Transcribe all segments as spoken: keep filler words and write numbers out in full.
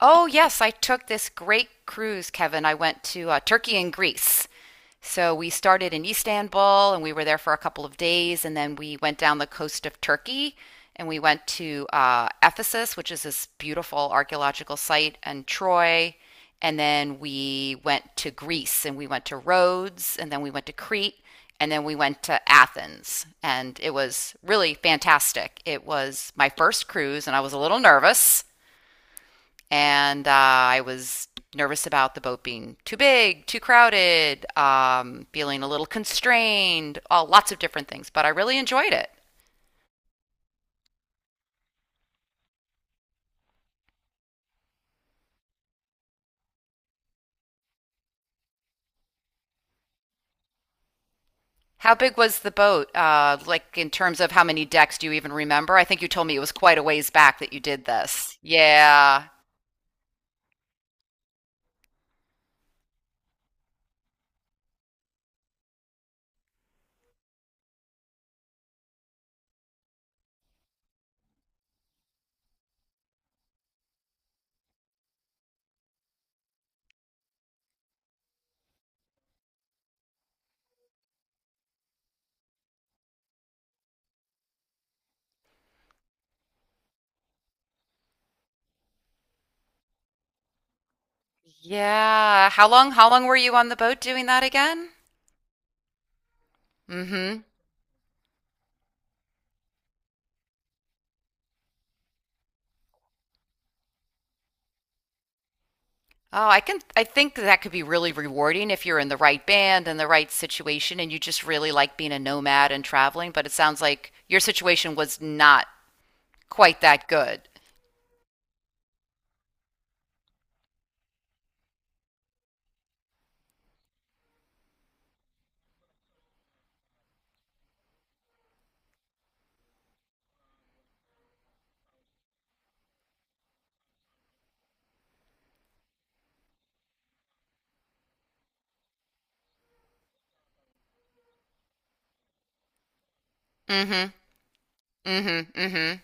Oh, yes, I took this great cruise, Kevin. I went to uh, Turkey and Greece. So we started in Istanbul and we were there for a couple of days, and then we went down the coast of Turkey and we went to uh, Ephesus, which is this beautiful archaeological site, and Troy. And then we went to Greece and we went to Rhodes and then we went to Crete and then we went to Athens. And it was really fantastic. It was my first cruise and I was a little nervous and uh, I was nervous about the boat being too big, too crowded, um, feeling a little constrained, all lots of different things. But I really enjoyed it. How big was the boat? Uh, like in terms of how many decks do you even remember? I think you told me it was quite a ways back that you did this. Yeah, yeah. How long? How long were you on the boat doing that again? Mm-hmm. Oh, I can I think that could be really rewarding if you're in the right band and the right situation and you just really like being a nomad and traveling, but it sounds like your situation was not quite that good. Mhm. Mhm. Mhm.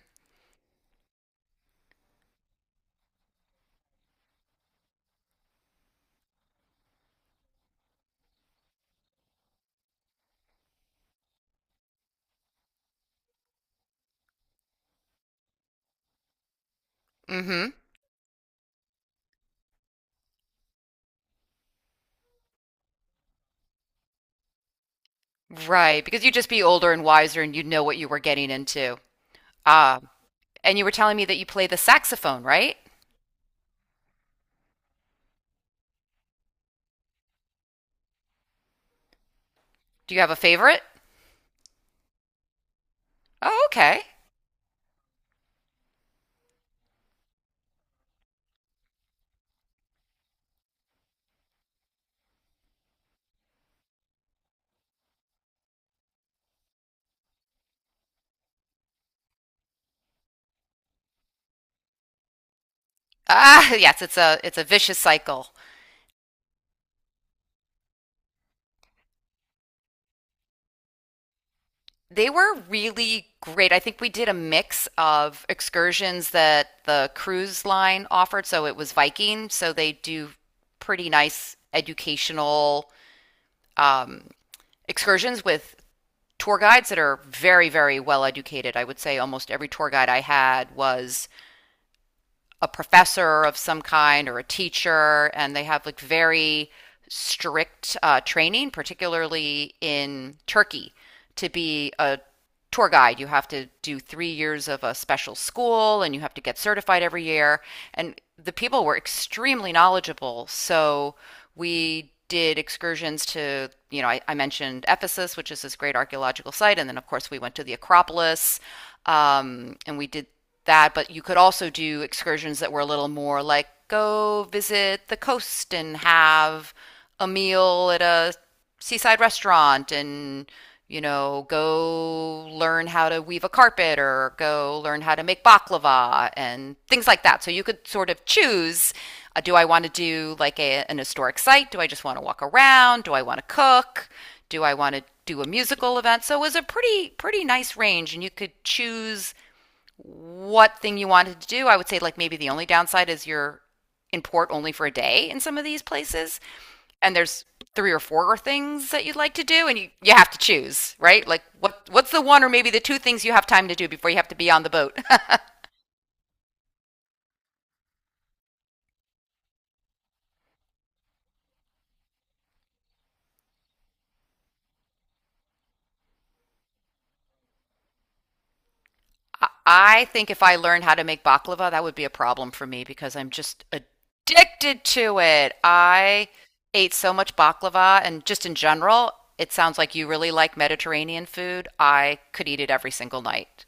Mhm. Right, because you'd just be older and wiser and you'd know what you were getting into. Ah, and you were telling me that you play the saxophone, right? Do you have a favorite? Oh, okay. Ah, yes, it's a it's a vicious cycle. They were really great. I think we did a mix of excursions that the cruise line offered. So it was Viking. So they do pretty nice educational um, excursions with tour guides that are very, very well educated. I would say almost every tour guide I had was a professor of some kind or a teacher, and they have like very strict uh, training, particularly in Turkey, to be a tour guide. You have to do three years of a special school and you have to get certified every year. And the people were extremely knowledgeable. So we did excursions to, you know, I, I mentioned Ephesus, which is this great archaeological site. And then, of course, we went to the Acropolis um, and we did that. But you could also do excursions that were a little more like go visit the coast and have a meal at a seaside restaurant and, you know, go learn how to weave a carpet or go learn how to make baklava and things like that, so you could sort of choose, uh, do I want to do like a, an historic site, do I just want to walk around, do I want to cook, do I want to do a musical event? So it was a pretty pretty nice range and you could choose what thing you wanted to do. I would say, like, maybe the only downside is you're in port only for a day in some of these places. And there's three or four things that you'd like to do, and you, you have to choose, right? Like, what what's the one or maybe the two things you have time to do before you have to be on the boat? I think if I learned how to make baklava, that would be a problem for me because I'm just addicted to it. I ate so much baklava, and just in general, it sounds like you really like Mediterranean food. I could eat it every single night.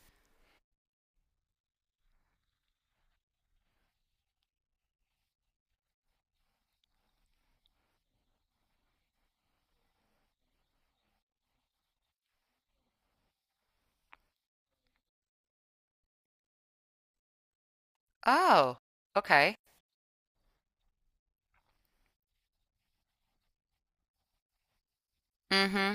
Oh, okay. Mm-hmm.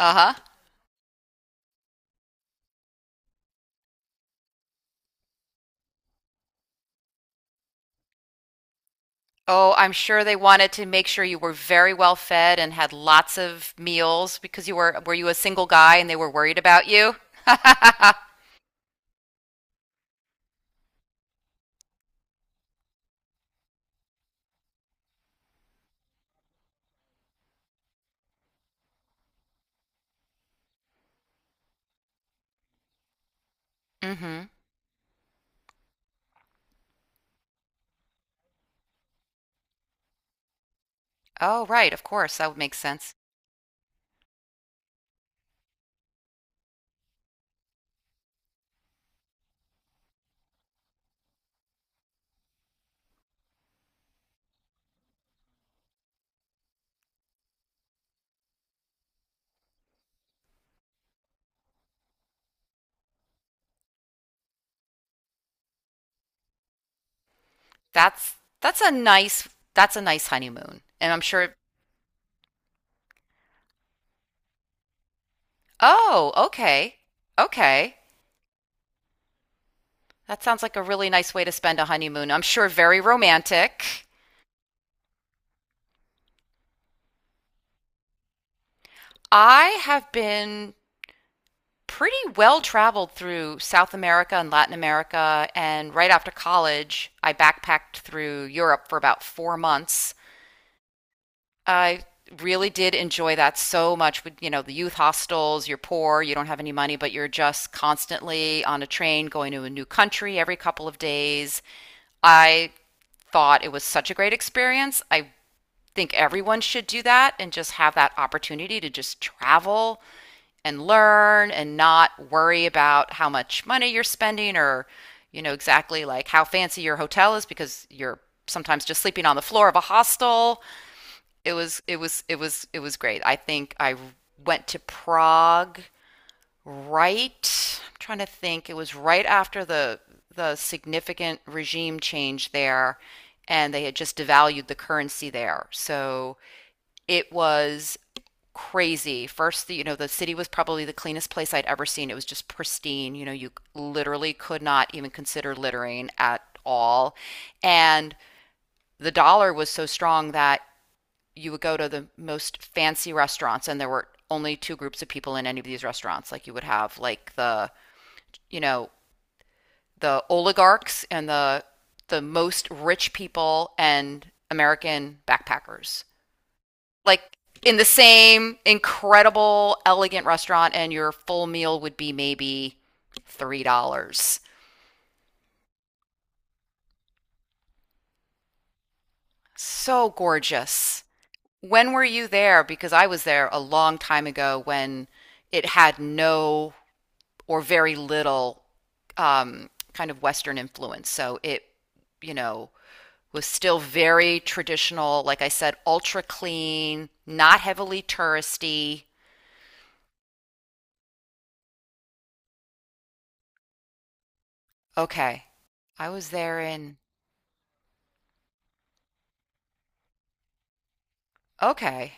Uh-huh. Oh, I'm sure they wanted to make sure you were very well fed and had lots of meals because you were were you a single guy and they were worried about you? Mm-hmm. Oh, right, of course. That would make sense. That's that's a nice, that's a nice honeymoon. And I'm sure Oh, okay. Okay. That sounds like a really nice way to spend a honeymoon. I'm sure very romantic. I have been pretty well traveled through South America and Latin America. And right after college, I backpacked through Europe for about four months. I really did enjoy that so much with, you know, the youth hostels. You're poor, you don't have any money, but you're just constantly on a train going to a new country every couple of days. I thought it was such a great experience. I think everyone should do that and just have that opportunity to just travel and learn and not worry about how much money you're spending or, you know, exactly like how fancy your hotel is because you're sometimes just sleeping on the floor of a hostel. It was it was it was it was great. I think I went to Prague, right, I'm trying to think, it was right after the the significant regime change there, and they had just devalued the currency there. So it was crazy. First, you know, the city was probably the cleanest place I'd ever seen. It was just pristine. You know, you literally could not even consider littering at all. And the dollar was so strong that you would go to the most fancy restaurants and there were only two groups of people in any of these restaurants. Like you would have like the, you know, the oligarchs and the the most rich people and American backpackers. Like in the same incredible elegant restaurant and your full meal would be maybe three dollars. So gorgeous. When were you there? Because I was there a long time ago when it had no or very little um, kind of Western influence. So it, you know, was still very traditional. Like I said, ultra clean, not heavily touristy. Okay. I was there in. Okay.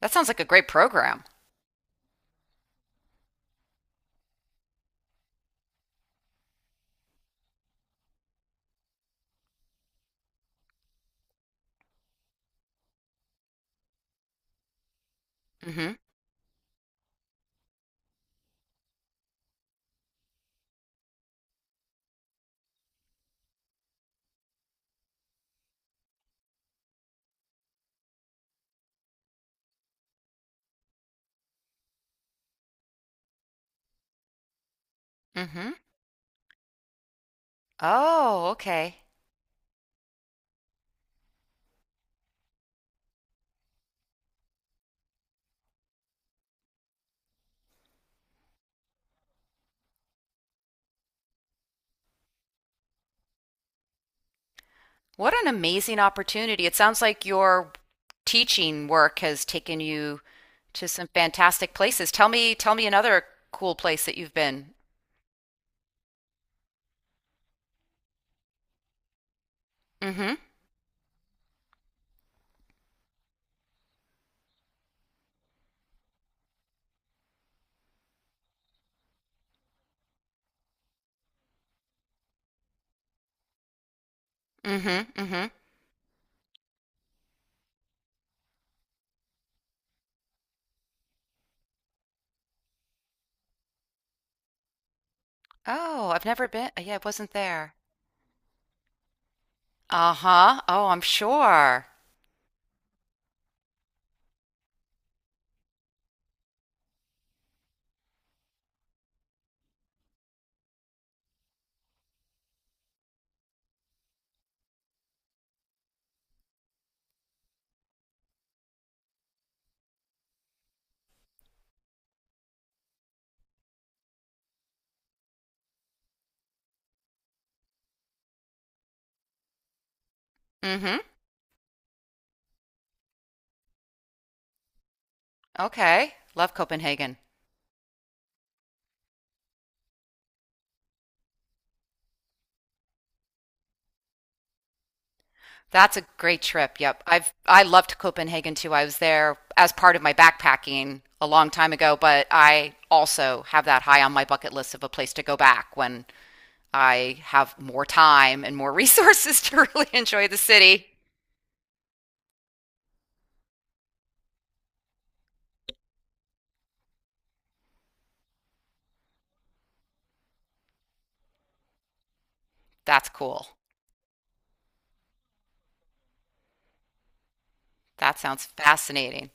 That sounds like a great program. Mm hmm. Mm hmm. Oh, okay. What an amazing opportunity. It sounds like your teaching work has taken you to some fantastic places. Tell me, tell me another cool place that you've been. Mm hmm. Mm-hmm. Mm-hmm. Oh, I've never been. uh, Yeah, I wasn't there. Uh-huh. Oh, I'm sure. Mm-hmm. Okay. Love Copenhagen. That's a great trip. Yep. I've I loved Copenhagen too. I was there as part of my backpacking a long time ago, but I also have that high on my bucket list of a place to go back when I have more time and more resources to really enjoy the city. That's cool. That sounds fascinating.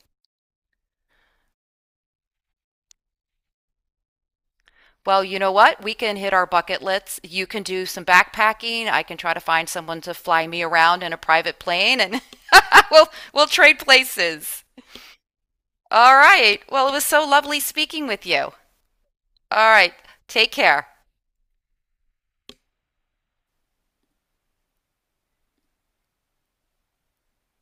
Well, you know what? We can hit our bucket lists. You can do some backpacking. I can try to find someone to fly me around in a private plane and we'll we'll trade places. All right. Well, it was so lovely speaking with you. All right. Take care.